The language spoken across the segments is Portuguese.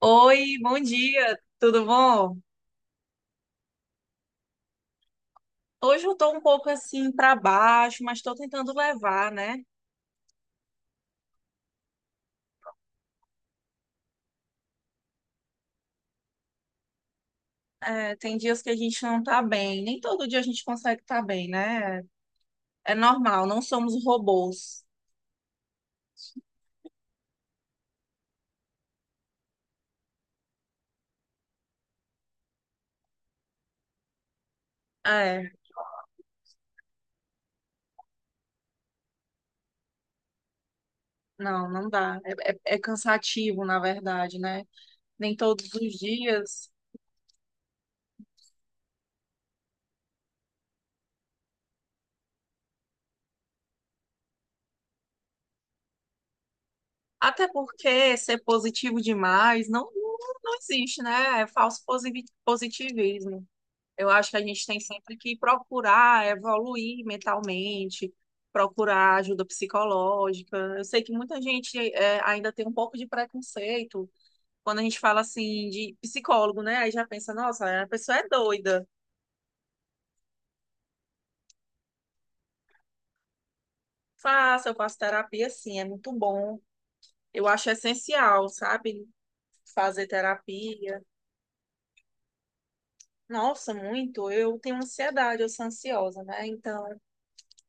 Oi, bom dia, tudo bom? Hoje eu tô um pouco assim pra baixo, mas tô tentando levar, né? É, tem dias que a gente não tá bem, nem todo dia a gente consegue estar bem, né? É normal, não somos robôs. É, não, não dá. É cansativo, na verdade, né? Nem todos os dias. Até porque ser positivo demais não, não, não existe, né? É falso positivismo. Eu acho que a gente tem sempre que procurar evoluir mentalmente, procurar ajuda psicológica. Eu sei que muita gente ainda tem um pouco de preconceito quando a gente fala assim de psicólogo, né? Aí já pensa, nossa, a pessoa é doida. Eu faço terapia sim, é muito bom. Eu acho essencial, sabe? Fazer terapia. Nossa, muito. Eu tenho ansiedade, eu sou ansiosa, né? Então,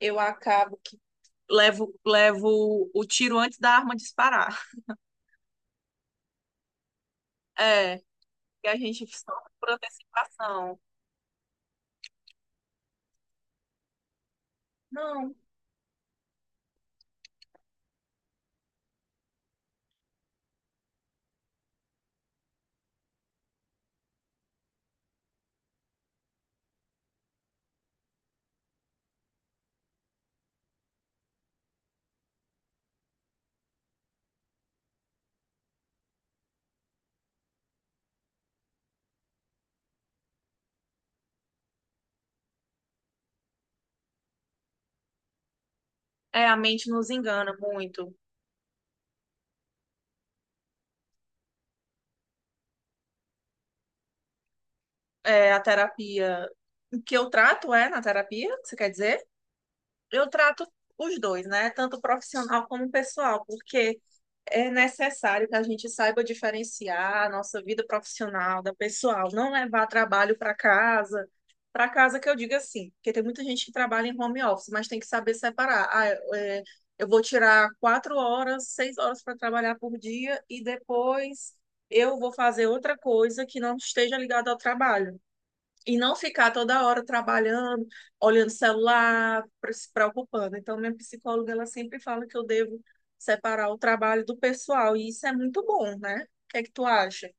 eu acabo que levo o tiro antes da arma disparar. É. Que a gente sofre por antecipação. Não, é a mente nos engana muito. É a terapia O que eu trato é na terapia, você quer dizer? Eu trato os dois, né? Tanto profissional como pessoal, porque é necessário que a gente saiba diferenciar a nossa vida profissional da pessoal, não levar trabalho para casa. Para casa que eu digo assim, porque tem muita gente que trabalha em home office, mas tem que saber separar. É, eu vou tirar 4 horas, 6 horas para trabalhar por dia e depois eu vou fazer outra coisa que não esteja ligada ao trabalho. E não ficar toda hora trabalhando, olhando o celular, se preocupando. Então, minha psicóloga, ela sempre fala que eu devo separar o trabalho do pessoal, e isso é muito bom, né? O que é que tu acha?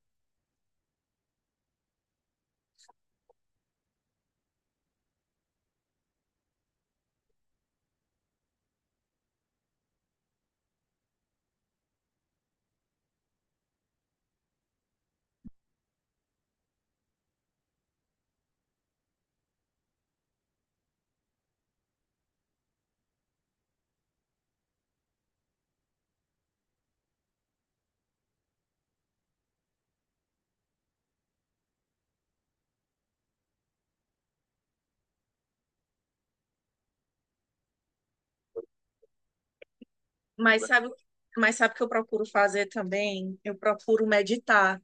Mas sabe, mas sabe o que eu procuro fazer também? Eu procuro meditar.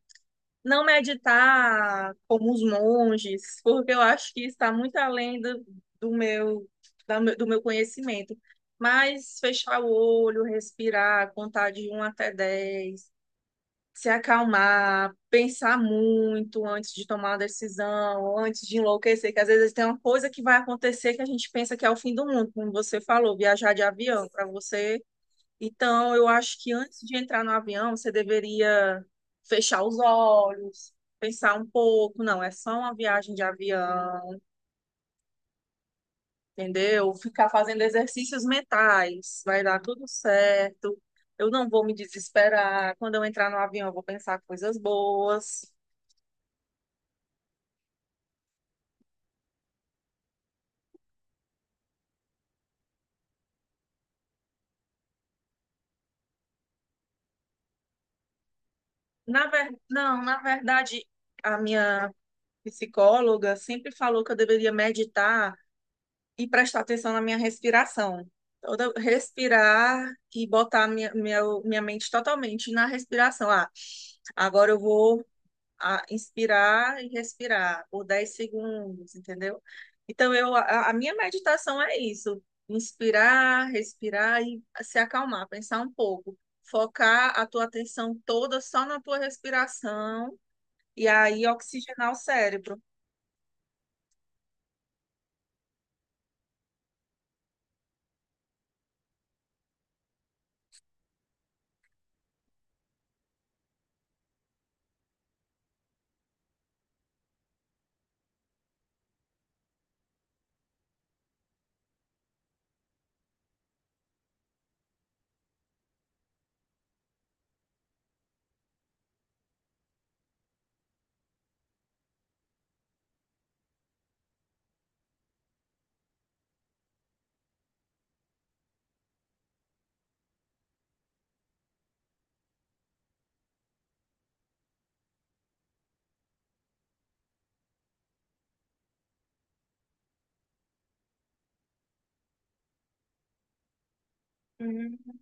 Não meditar como os monges, porque eu acho que está muito além do, do meu, da do meu conhecimento. Mas fechar o olho, respirar, contar de um até 10, se acalmar, pensar muito antes de tomar uma decisão, antes de enlouquecer, que às vezes tem uma coisa que vai acontecer que a gente pensa que é o fim do mundo, como você falou, viajar de avião para você. Então, eu acho que antes de entrar no avião, você deveria fechar os olhos, pensar um pouco, não, é só uma viagem de avião, entendeu? Ficar fazendo exercícios mentais, vai dar tudo certo. Eu não vou me desesperar. Quando eu entrar no avião, eu vou pensar coisas boas. Não, na verdade, a minha psicóloga sempre falou que eu deveria meditar e prestar atenção na minha respiração. Respirar e botar minha mente totalmente na respiração. Agora eu vou inspirar e respirar por 10 segundos, entendeu? Então, a minha meditação é isso: inspirar, respirar e se acalmar, pensar um pouco. Focar a tua atenção toda só na tua respiração e aí oxigenar o cérebro. Hum.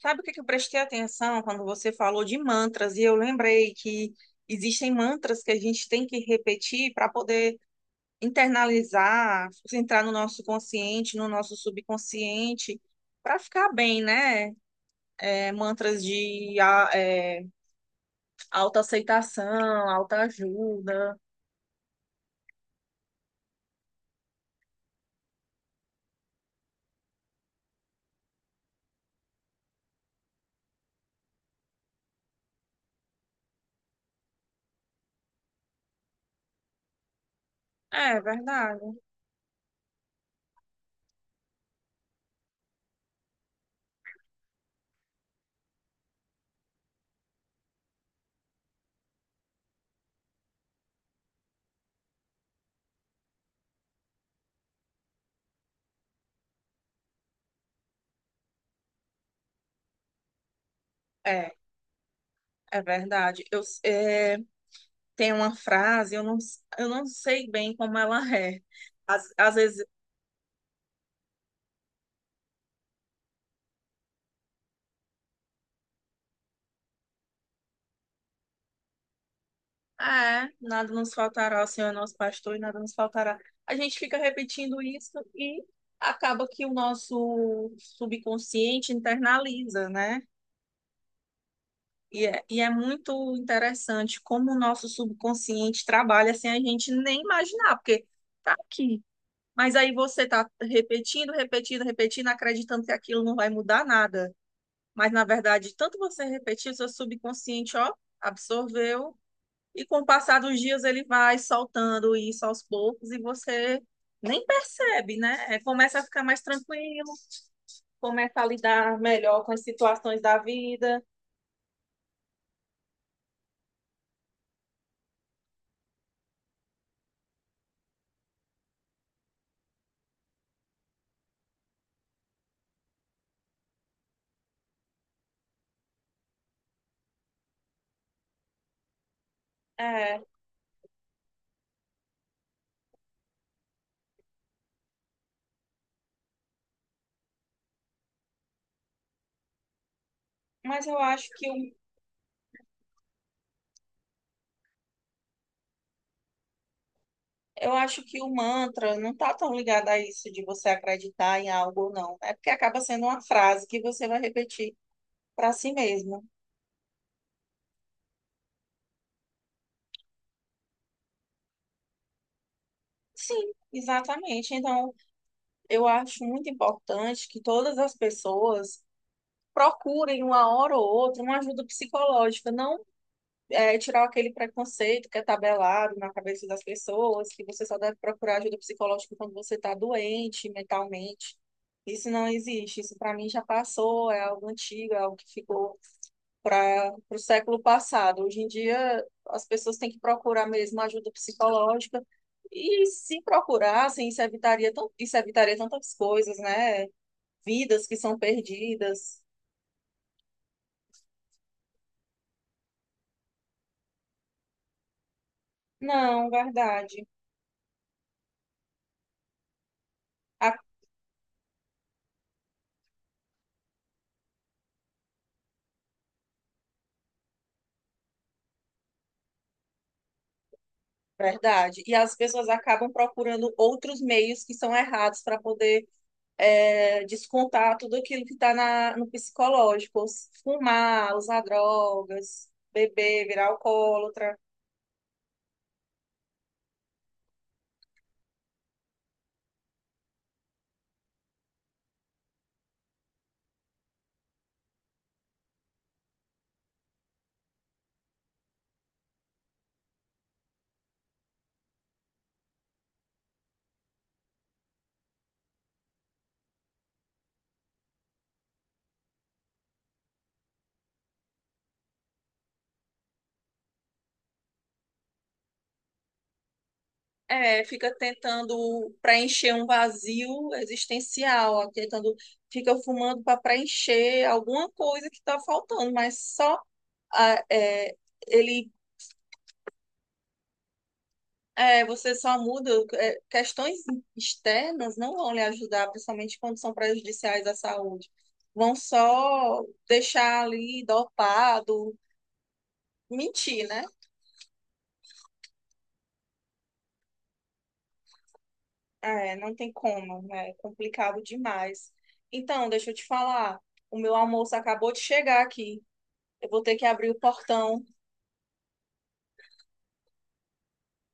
Sabe o que que eu prestei atenção quando você falou de mantras? E eu lembrei que existem mantras que a gente tem que repetir para poder internalizar, entrar no nosso consciente, no nosso subconsciente, para ficar bem, né? É, mantras de autoaceitação, autoajuda. É verdade. É, é verdade. Tem uma frase, eu não sei bem como ela é. Às vezes, nada nos faltará, o Senhor é nosso pastor e nada nos faltará. A gente fica repetindo isso e acaba que o nosso subconsciente internaliza, né? E é muito interessante como o nosso subconsciente trabalha sem a gente nem imaginar, porque tá aqui. Mas aí você tá repetindo, repetindo, repetindo, acreditando que aquilo não vai mudar nada. Mas, na verdade, tanto você repetir, o seu subconsciente, ó, absorveu, e com o passar dos dias ele vai soltando isso aos poucos e você nem percebe, né? Começa a ficar mais tranquilo, começa a lidar melhor com as situações da vida. É, mas eu acho que o, eu acho que o mantra não está tão ligado a isso de você acreditar em algo ou não. É porque acaba sendo uma frase que você vai repetir para si mesmo. Sim, exatamente. Então, eu acho muito importante que todas as pessoas procurem uma hora ou outra uma ajuda psicológica, não tirar aquele preconceito que é tabelado na cabeça das pessoas, que você só deve procurar ajuda psicológica quando você está doente mentalmente. Isso não existe. Isso para mim já passou, é algo antigo, é algo que ficou para o século passado. Hoje em dia, as pessoas têm que procurar mesmo ajuda psicológica. E se procurassem, isso evitaria tantas coisas, né? Vidas que são perdidas. Não, verdade. A Verdade. E as pessoas acabam procurando outros meios que são errados para poder descontar tudo aquilo que está no psicológico. Fumar, usar drogas, beber, virar alcoólatra. É, fica tentando preencher um vazio existencial, ó, tentando, fica fumando para preencher alguma coisa que está faltando, mas só ah, é, ele você só muda, questões externas não vão lhe ajudar, principalmente quando são prejudiciais à saúde. Vão só deixar ali dopado, mentir, né? É, não tem como, né? É complicado demais. Então, deixa eu te falar, o meu almoço acabou de chegar aqui. Eu vou ter que abrir o portão.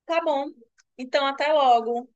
Tá bom. Então, até logo.